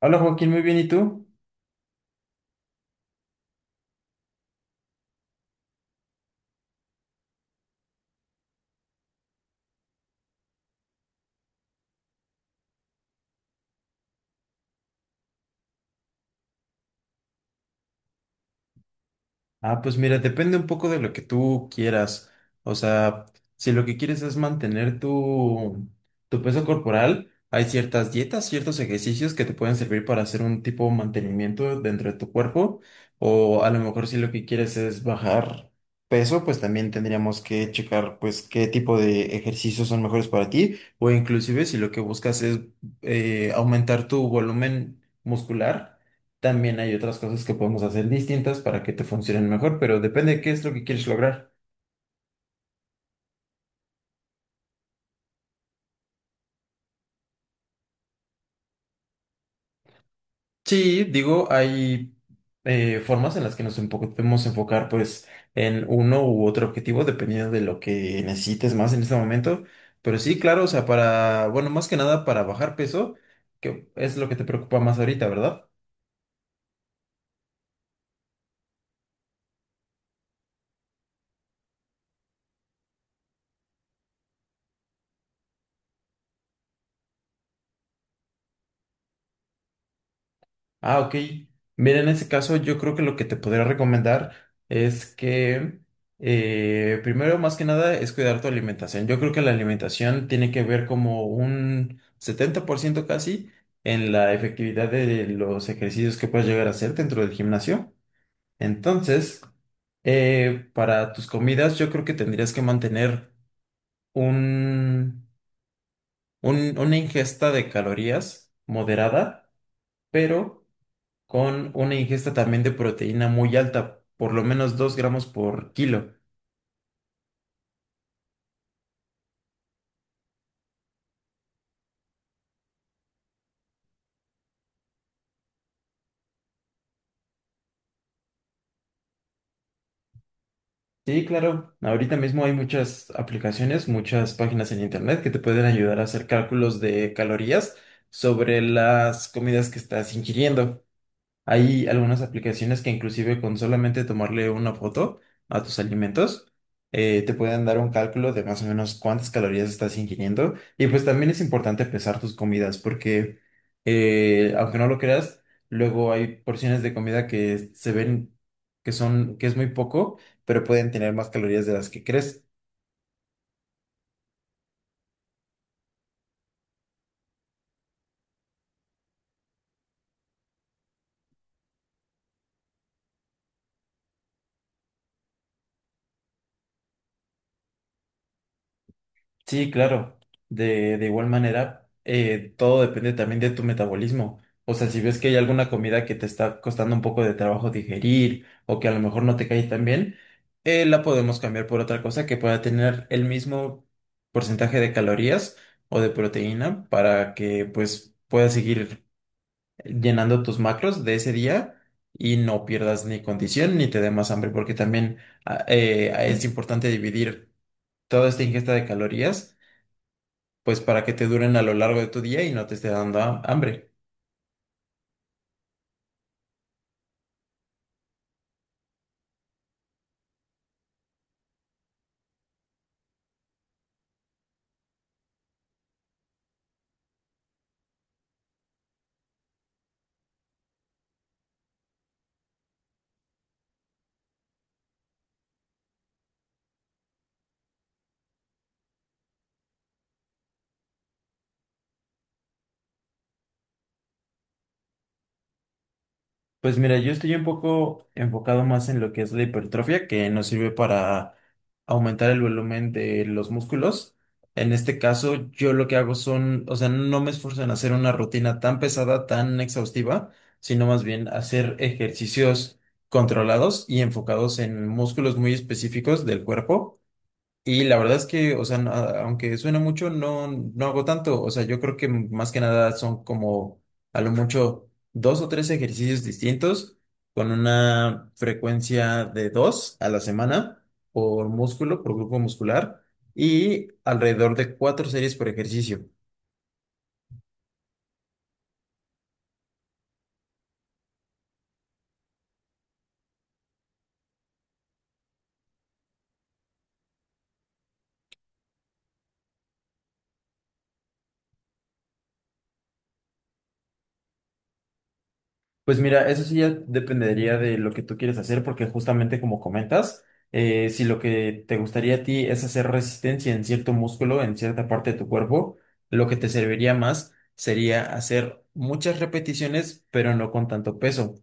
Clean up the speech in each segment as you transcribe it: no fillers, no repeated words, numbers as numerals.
Hola Joaquín, muy bien, ¿y tú? Ah, pues mira, depende un poco de lo que tú quieras. O sea, si lo que quieres es mantener tu peso corporal, hay ciertas dietas, ciertos ejercicios que te pueden servir para hacer un tipo de mantenimiento dentro de tu cuerpo. O a lo mejor si lo que quieres es bajar peso, pues también tendríamos que checar pues qué tipo de ejercicios son mejores para ti. O inclusive si lo que buscas es aumentar tu volumen muscular. También hay otras cosas que podemos hacer distintas para que te funcionen mejor, pero depende de qué es lo que quieres lograr. Sí, digo, hay formas en las que podemos enfocar pues en uno u otro objetivo dependiendo de lo que necesites más en este momento. Pero sí, claro, o sea, para, bueno, más que nada para bajar peso, que es lo que te preocupa más ahorita, ¿verdad? Ah, ok. Mira, en ese caso yo creo que lo que te podría recomendar es que primero, más que nada, es cuidar tu alimentación. Yo creo que la alimentación tiene que ver como un 70% casi en la efectividad de los ejercicios que puedes llegar a hacer dentro del gimnasio. Entonces, para tus comidas, yo creo que tendrías que mantener un, una ingesta de calorías moderada, pero con una ingesta también de proteína muy alta, por lo menos 2 gramos por kilo. Sí, claro, ahorita mismo hay muchas aplicaciones, muchas páginas en internet que te pueden ayudar a hacer cálculos de calorías sobre las comidas que estás ingiriendo. Hay algunas aplicaciones que inclusive con solamente tomarle una foto a tus alimentos, te pueden dar un cálculo de más o menos cuántas calorías estás ingiriendo. Y pues también es importante pesar tus comidas porque, aunque no lo creas, luego hay porciones de comida que se ven que es muy poco, pero pueden tener más calorías de las que crees. Sí, claro. De igual manera, todo depende también de tu metabolismo. O sea, si ves que hay alguna comida que te está costando un poco de trabajo digerir o que a lo mejor no te cae tan bien, la podemos cambiar por otra cosa que pueda tener el mismo porcentaje de calorías o de proteína para que pues puedas seguir llenando tus macros de ese día y no pierdas ni condición ni te dé más hambre, porque también es importante dividir toda esta ingesta de calorías pues para que te duren a lo largo de tu día y no te esté dando hambre. Pues mira, yo estoy un poco enfocado más en lo que es la hipertrofia, que nos sirve para aumentar el volumen de los músculos. En este caso, yo lo que hago son, o sea, no me esfuerzo en hacer una rutina tan pesada, tan exhaustiva, sino más bien hacer ejercicios controlados y enfocados en músculos muy específicos del cuerpo. Y la verdad es que, o sea, aunque suena mucho, no, no hago tanto. O sea, yo creo que más que nada son como a lo mucho dos o tres ejercicios distintos con una frecuencia de dos a la semana por músculo, por grupo muscular y alrededor de cuatro series por ejercicio. Pues mira, eso sí ya dependería de lo que tú quieres hacer, porque justamente como comentas, si lo que te gustaría a ti es hacer resistencia en cierto músculo, en cierta parte de tu cuerpo, lo que te serviría más sería hacer muchas repeticiones, pero no con tanto peso.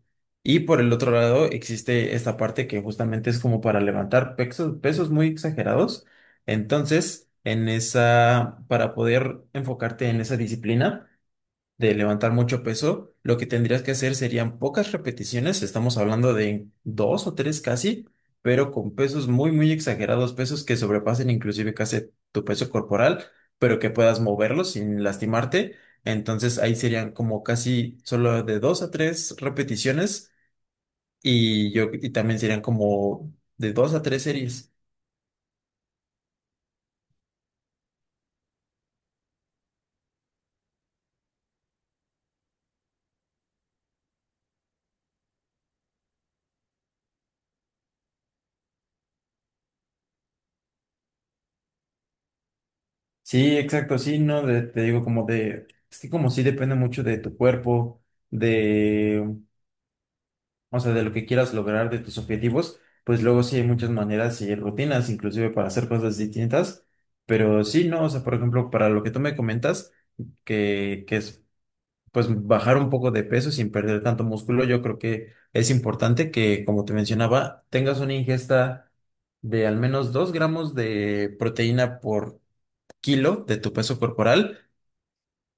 Y por el otro lado, existe esta parte que justamente es como para levantar pesos, pesos muy exagerados. Entonces, en esa, para poder enfocarte en esa disciplina, de levantar mucho peso, lo que tendrías que hacer serían pocas repeticiones, estamos hablando de dos o tres casi, pero con pesos muy, muy exagerados, pesos que sobrepasen inclusive casi tu peso corporal, pero que puedas moverlos sin lastimarte. Entonces ahí serían como casi solo de dos a tres repeticiones y yo y también serían como de dos a tres series. Sí, exacto, sí, no, te digo como de, es que como sí depende mucho de tu cuerpo, de o sea, de lo que quieras lograr, de tus objetivos, pues luego sí hay muchas maneras y rutinas, inclusive para hacer cosas distintas, pero sí, no, o sea, por ejemplo, para lo que tú me comentas, que es, pues, bajar un poco de peso sin perder tanto músculo, yo creo que es importante que, como te mencionaba, tengas una ingesta de al menos 2 gramos de proteína por kilo de tu peso corporal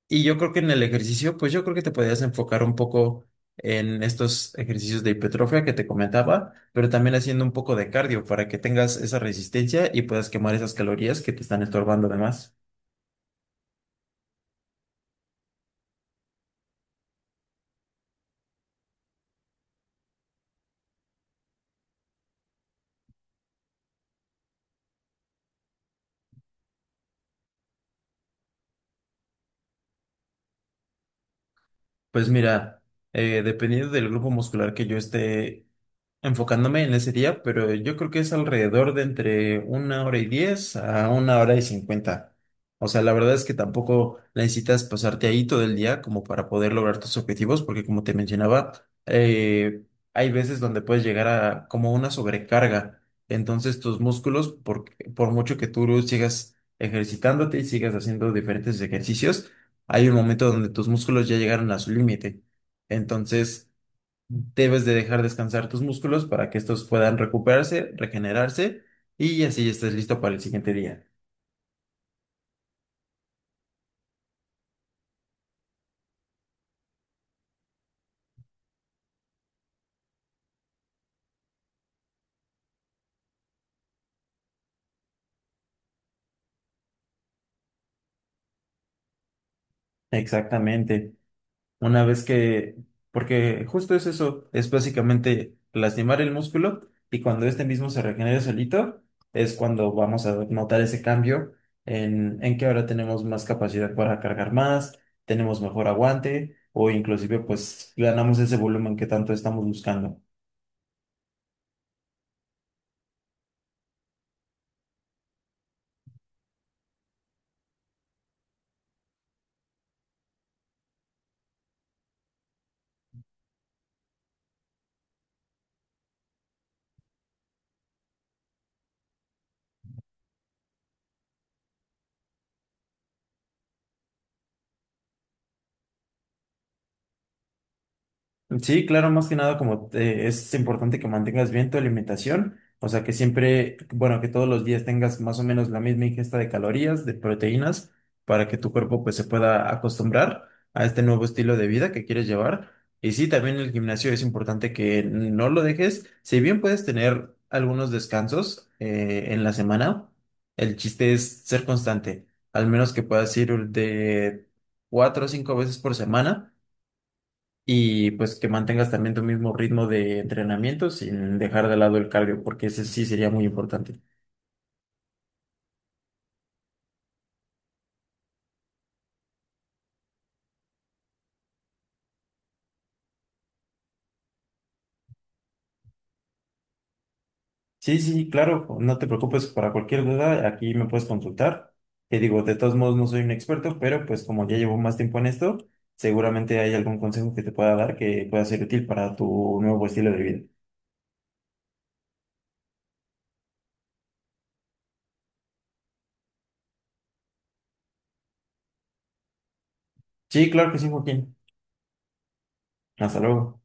y yo creo que en el ejercicio, pues yo creo que te podías enfocar un poco en estos ejercicios de hipertrofia que te comentaba, pero también haciendo un poco de cardio para que tengas esa resistencia y puedas quemar esas calorías que te están estorbando además. Pues mira, dependiendo del grupo muscular que yo esté enfocándome en ese día, pero yo creo que es alrededor de entre 1 hora y 10 a 1 hora y 50. O sea, la verdad es que tampoco necesitas pasarte ahí todo el día como para poder lograr tus objetivos, porque como te mencionaba, eh, hay veces donde puedes llegar a como una sobrecarga. Entonces tus músculos, por mucho que tú sigas ejercitándote y sigas haciendo diferentes ejercicios, hay un momento donde tus músculos ya llegaron a su límite. Entonces, debes de dejar descansar tus músculos para que estos puedan recuperarse, regenerarse y así estés listo para el siguiente día. Exactamente. Una vez que, porque justo es eso, es básicamente lastimar el músculo y cuando este mismo se regenere solito, es cuando vamos a notar ese cambio en que ahora tenemos más capacidad para cargar más, tenemos mejor aguante o inclusive pues ganamos ese volumen que tanto estamos buscando. Sí, claro, más que nada como es importante que mantengas bien tu alimentación, o sea que siempre, bueno, que todos los días tengas más o menos la misma ingesta de calorías, de proteínas, para que tu cuerpo pues se pueda acostumbrar a este nuevo estilo de vida que quieres llevar. Y sí, también el gimnasio es importante que no lo dejes, si bien puedes tener algunos descansos en la semana, el chiste es ser constante, al menos que puedas ir de cuatro o cinco veces por semana y pues que mantengas también tu mismo ritmo de entrenamiento sin dejar de lado el cardio, porque ese sí sería muy importante. Sí, sí, claro, no te preocupes para cualquier duda, aquí me puedes consultar. Te digo, de todos modos no soy un experto, pero pues como ya llevo más tiempo en esto, seguramente hay algún consejo que te pueda dar que pueda ser útil para tu nuevo estilo de vida. Sí, claro que sí, Joaquín. Hasta luego.